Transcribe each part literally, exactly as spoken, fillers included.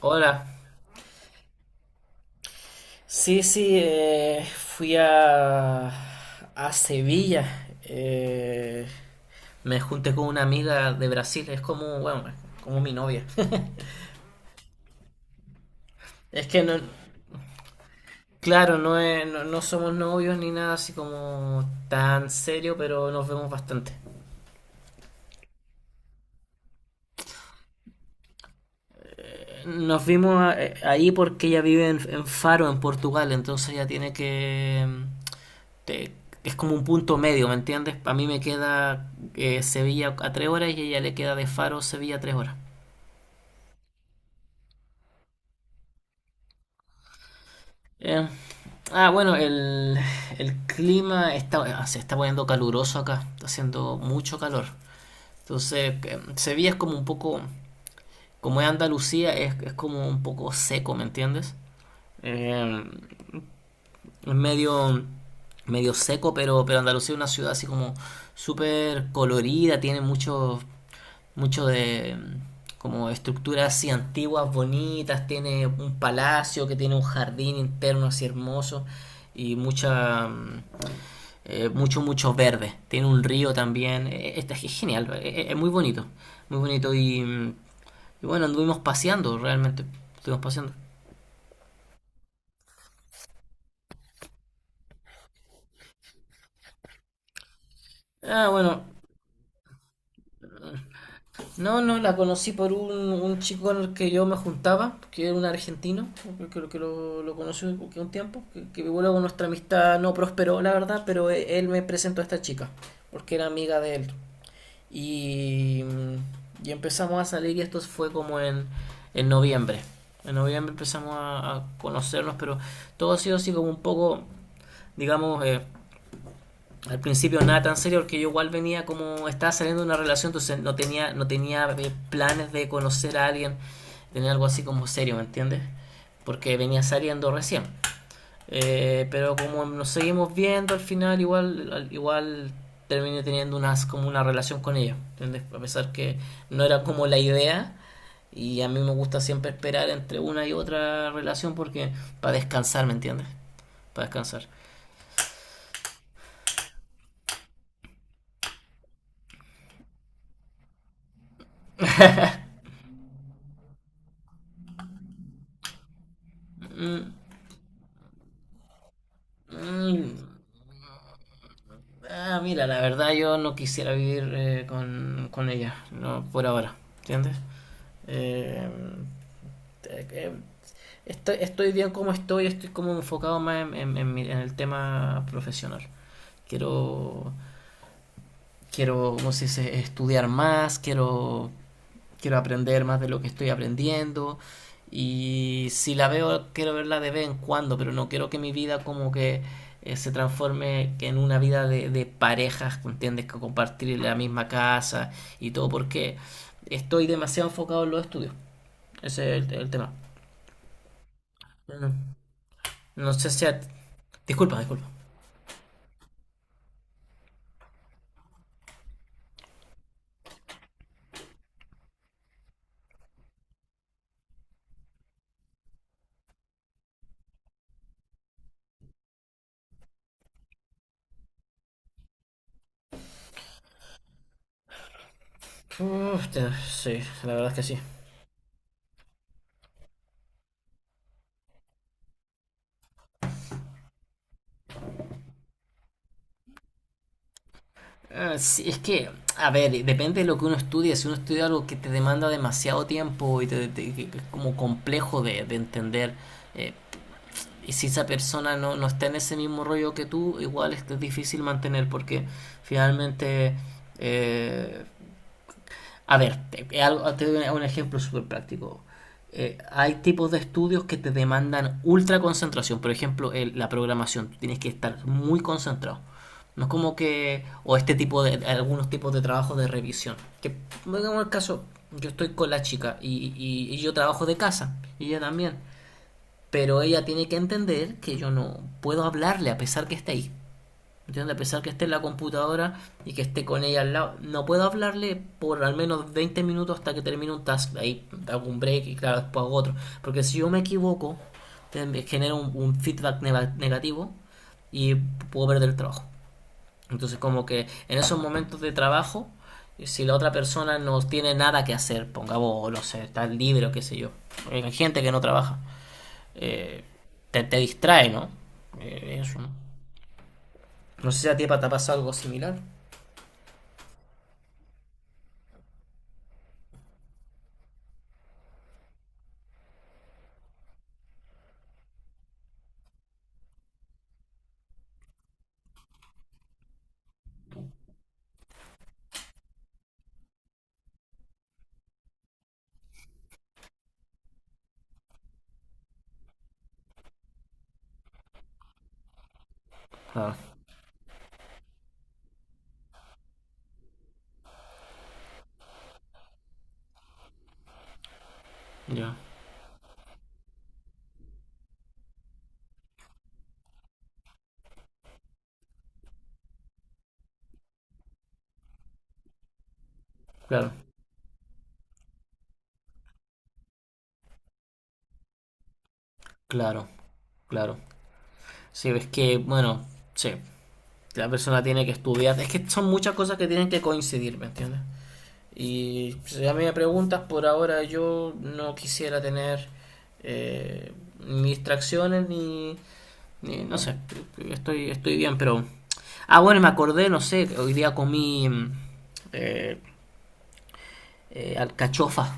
Hola. Sí, sí, eh, fui a, a Sevilla. eh, me junté con una amiga de Brasil, es como, bueno, como mi novia. Es que no. Claro, no, es- no, no somos novios ni nada así como tan serio, pero nos vemos bastante. Nos vimos a- ahí porque ella vive en, en Faro, en Portugal. Entonces ella tiene que, te- es como un punto medio, ¿me entiendes? A mí me queda eh, Sevilla a tres horas y a ella le queda de Faro Sevilla a tres horas. Eh, ah, bueno, el, el clima está, ah, se está poniendo caluroso acá, está haciendo mucho calor. Entonces, eh, Sevilla es como un poco, como es Andalucía, es, es como un poco seco, ¿me entiendes? Eh, es medio, medio seco, pero, pero Andalucía es una ciudad así como súper colorida. Tiene muchos mucho de mm, como estructuras así antiguas, bonitas. Tiene un palacio que tiene un jardín interno así hermoso y mucha mm, eh, mucho mucho verde. Tiene un río también. Eh, eh, es genial, eh, eh, es muy bonito, muy bonito y, mm, y bueno, anduvimos paseando realmente, estuvimos paseando. Ah, bueno. No, no, la conocí por un, un chico con el que yo me juntaba, que era un argentino, que, que, lo- que lo, lo conocí un, que un tiempo, que, que luego nuestra amistad no prosperó, la verdad, pero e- él me presentó a esta chica, porque era amiga de él. Y, y empezamos a salir y esto fue como en, en noviembre. En noviembre empezamos a, a conocernos, pero todo ha sido así como un poco, digamos, eh, al principio nada tan serio, porque yo igual venía como estaba saliendo de una relación. Entonces, no tenía no tenía eh, planes de conocer a alguien, tenía algo así como serio, ¿me entiendes? Porque venía saliendo recién. Eh, pero como nos seguimos viendo, al final, igual igual terminé teniendo unas como una relación con ella, ¿entiendes? A pesar que no era como la idea, y a mí me gusta siempre esperar entre una y otra relación, porque para descansar, ¿me entiendes? Para descansar. Mm, mm. Ah, mira, la verdad, yo no quisiera vivir eh, con, con ella, no, por ahora, ¿entiendes? Eh, eh, eh, estoy, estoy bien como estoy, estoy como enfocado más en, en- en mi- en el tema profesional. Quiero, quiero, ¿cómo se dice? Estudiar más, quiero quiero aprender más de lo que estoy aprendiendo, y si la veo quiero verla de vez en cuando, pero no quiero que mi vida como que eh, se transforme en una vida de, de parejas, ¿entiendes? Que compartir la misma casa y todo, porque estoy demasiado enfocado en los estudios. Ese es el, el tema. No, no sé si, a- disculpa, disculpa. Uf, te- sí, la verdad es que sí. Eh, sí, es que, a ver, depende de lo que uno estudia. Si uno estudia algo que te demanda demasiado tiempo y te, te- que es como complejo de, de entender, eh, y si esa persona no, no está en ese mismo rollo que tú, igual es que es difícil mantener, porque finalmente, eh, a ver, te, te doy un ejemplo súper práctico. Eh, hay tipos de estudios que te demandan ultra concentración. Por ejemplo, el- la programación. Tú tienes que estar muy concentrado. No es como que. O este tipo de. Algunos tipos de trabajos de revisión. Que, digamos, el caso, yo estoy con la chica, y, y- y yo trabajo de casa. Y ella también. Pero ella tiene que entender que yo no puedo hablarle a pesar que esté ahí. ¿Entiendes? A pesar que esté en la computadora y que esté con ella al lado, no puedo hablarle por al menos veinte minutos hasta que termine un task. Ahí hago un break y claro, después hago otro. Porque si yo me equivoco, te- genero un, un feedback negativo y puedo perder el trabajo. Entonces, como que en esos momentos de trabajo, eh, si la otra persona no tiene nada que hacer, pongamos, no sé, está libre o qué sé yo, hay gente que no trabaja, eh, te, te distrae, ¿no? Eh, eso, ¿no? No sé si a ti, Pata, te pasa algo similar. Ah, ya. Claro, claro, claro. Sí, es que, bueno, sí, la persona tiene que estudiar. Es que son muchas cosas que tienen que coincidir, ¿me entiendes? Y si a mí me preguntas, por ahora yo no quisiera tener eh, ni distracciones, ni, ni- no sé, estoy, estoy bien, pero. Ah, bueno, me acordé, no sé, hoy día comí mm, eh, eh, alcachofas,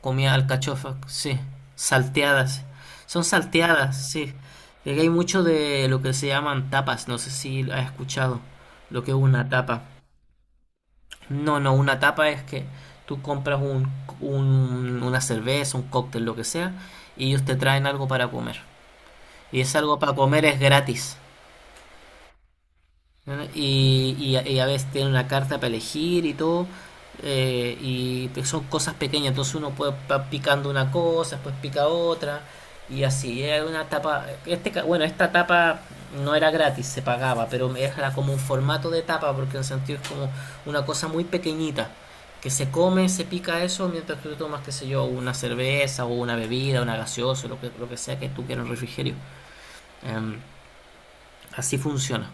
comía alcachofas, sí, salteadas. Son salteadas, sí. Y aquí hay mucho de lo que se llaman tapas, no sé si has escuchado lo que es una tapa. No, no, una tapa es que tú compras un, un- una cerveza, un cóctel, lo que sea, y ellos te traen algo para comer. Y es algo para comer es gratis. ¿No? Y, y a- y a veces tiene una carta para elegir y todo. eh, y pe- son cosas pequeñas. Entonces, uno puede va picando una cosa, después pica otra. Y así, era una tapa. Este, ca- bueno, esta tapa no era gratis, se pagaba, pero era como un formato de tapa, porque en el sentido es como una cosa muy pequeñita. Que se come, se pica eso, mientras que tú tomas, qué sé yo, una cerveza o una bebida, una gaseosa, lo que, lo que sea que tú quieras en el refrigerio. Em, así funciona.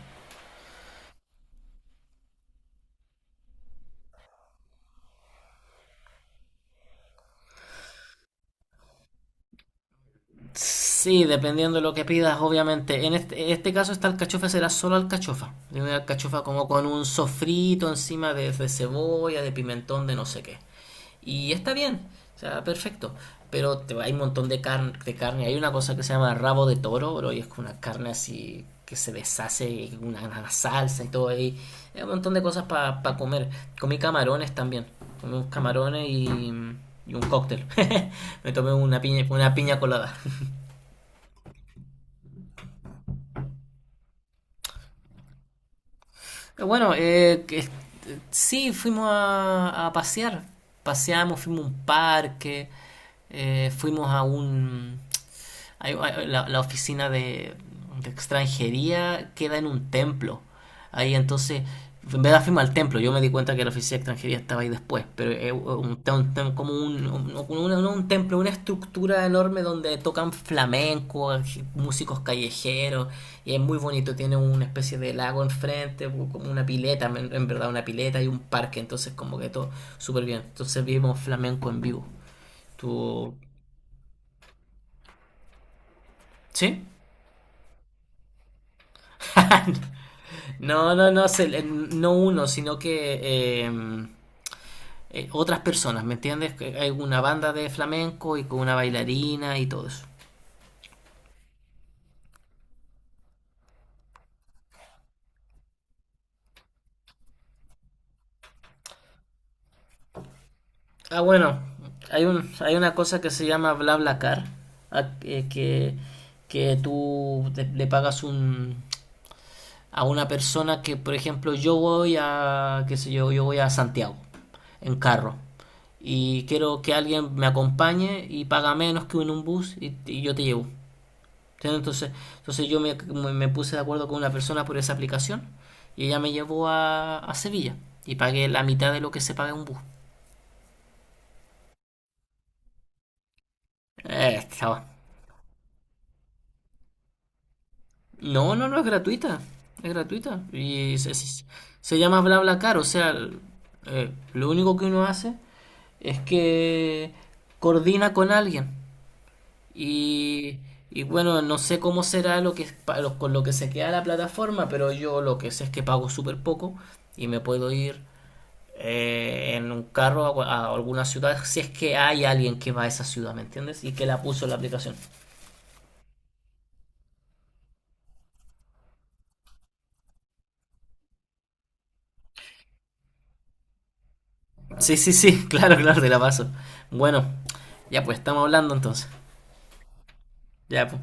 Sí, dependiendo de lo que pidas, obviamente. En este, en este caso, esta alcachofa será solo alcachofa. Y una alcachofa como con un sofrito encima de, de cebolla, de pimentón, de no sé qué. Y está bien, o sea, perfecto. Pero te- hay un montón de, car- de carne. Hay una cosa que se llama rabo de toro, bro, y es como una carne así que se deshace, y una, una salsa y todo ahí. Hay un montón de cosas para comer. Comí camarones también. Comí unos camarones y, y un cóctel. Me tomé una piña, una piña colada. Eh, Bueno, eh, que- sí, fuimos a, a pasear. Paseamos, fuimos a un parque. Eh, fuimos a un, hay- hay- la, la oficina de, de extranjería queda en un templo. Ahí, entonces, en vez de afirmar el templo, yo me di cuenta que la oficina de extranjería estaba ahí después, pero es un, un- un- como un, un- un- un- un templo, una estructura enorme donde tocan flamenco, músicos callejeros, y es muy bonito, tiene una especie de lago enfrente, como una pileta, en, en verdad una pileta y un parque. Entonces, como que todo súper bien. Entonces vimos flamenco en vivo. ¿Tú? ¿Sí? No, no, no, se- eh, no uno, sino que eh, eh, otras personas, ¿me entiendes? Que hay una banda de flamenco y con una bailarina y todo eso. Ah, bueno, hay un, hay una cosa que se llama BlaBlaCar, a- eh, que, que tú te- le pagas un, a una persona que, por ejemplo, yo voy a, qué sé yo, yo voy a Santiago en carro y quiero que alguien me acompañe y paga menos que en un bus, y, y yo te llevo. Entonces, entonces yo me, me- puse de acuerdo con una persona por esa aplicación, y ella me llevó a, a Sevilla y pagué la mitad de lo que se paga en un bus. Eh, No, no, no es gratuita. Es gratuita. Y se, se- se llama BlaBlaCar. O sea, eh, lo único que uno hace es que coordina con alguien. Y, y bueno, no sé cómo será lo que, pa- lo- con lo que se queda la plataforma, pero yo lo que sé es que pago súper poco y me puedo ir eh, en un carro a, a alguna ciudad, si es que hay alguien que va a esa ciudad, ¿me entiendes? Y que la puso en la aplicación. Sí, sí, sí, claro, claro, te la paso. Bueno, ya pues estamos hablando entonces. Ya pues.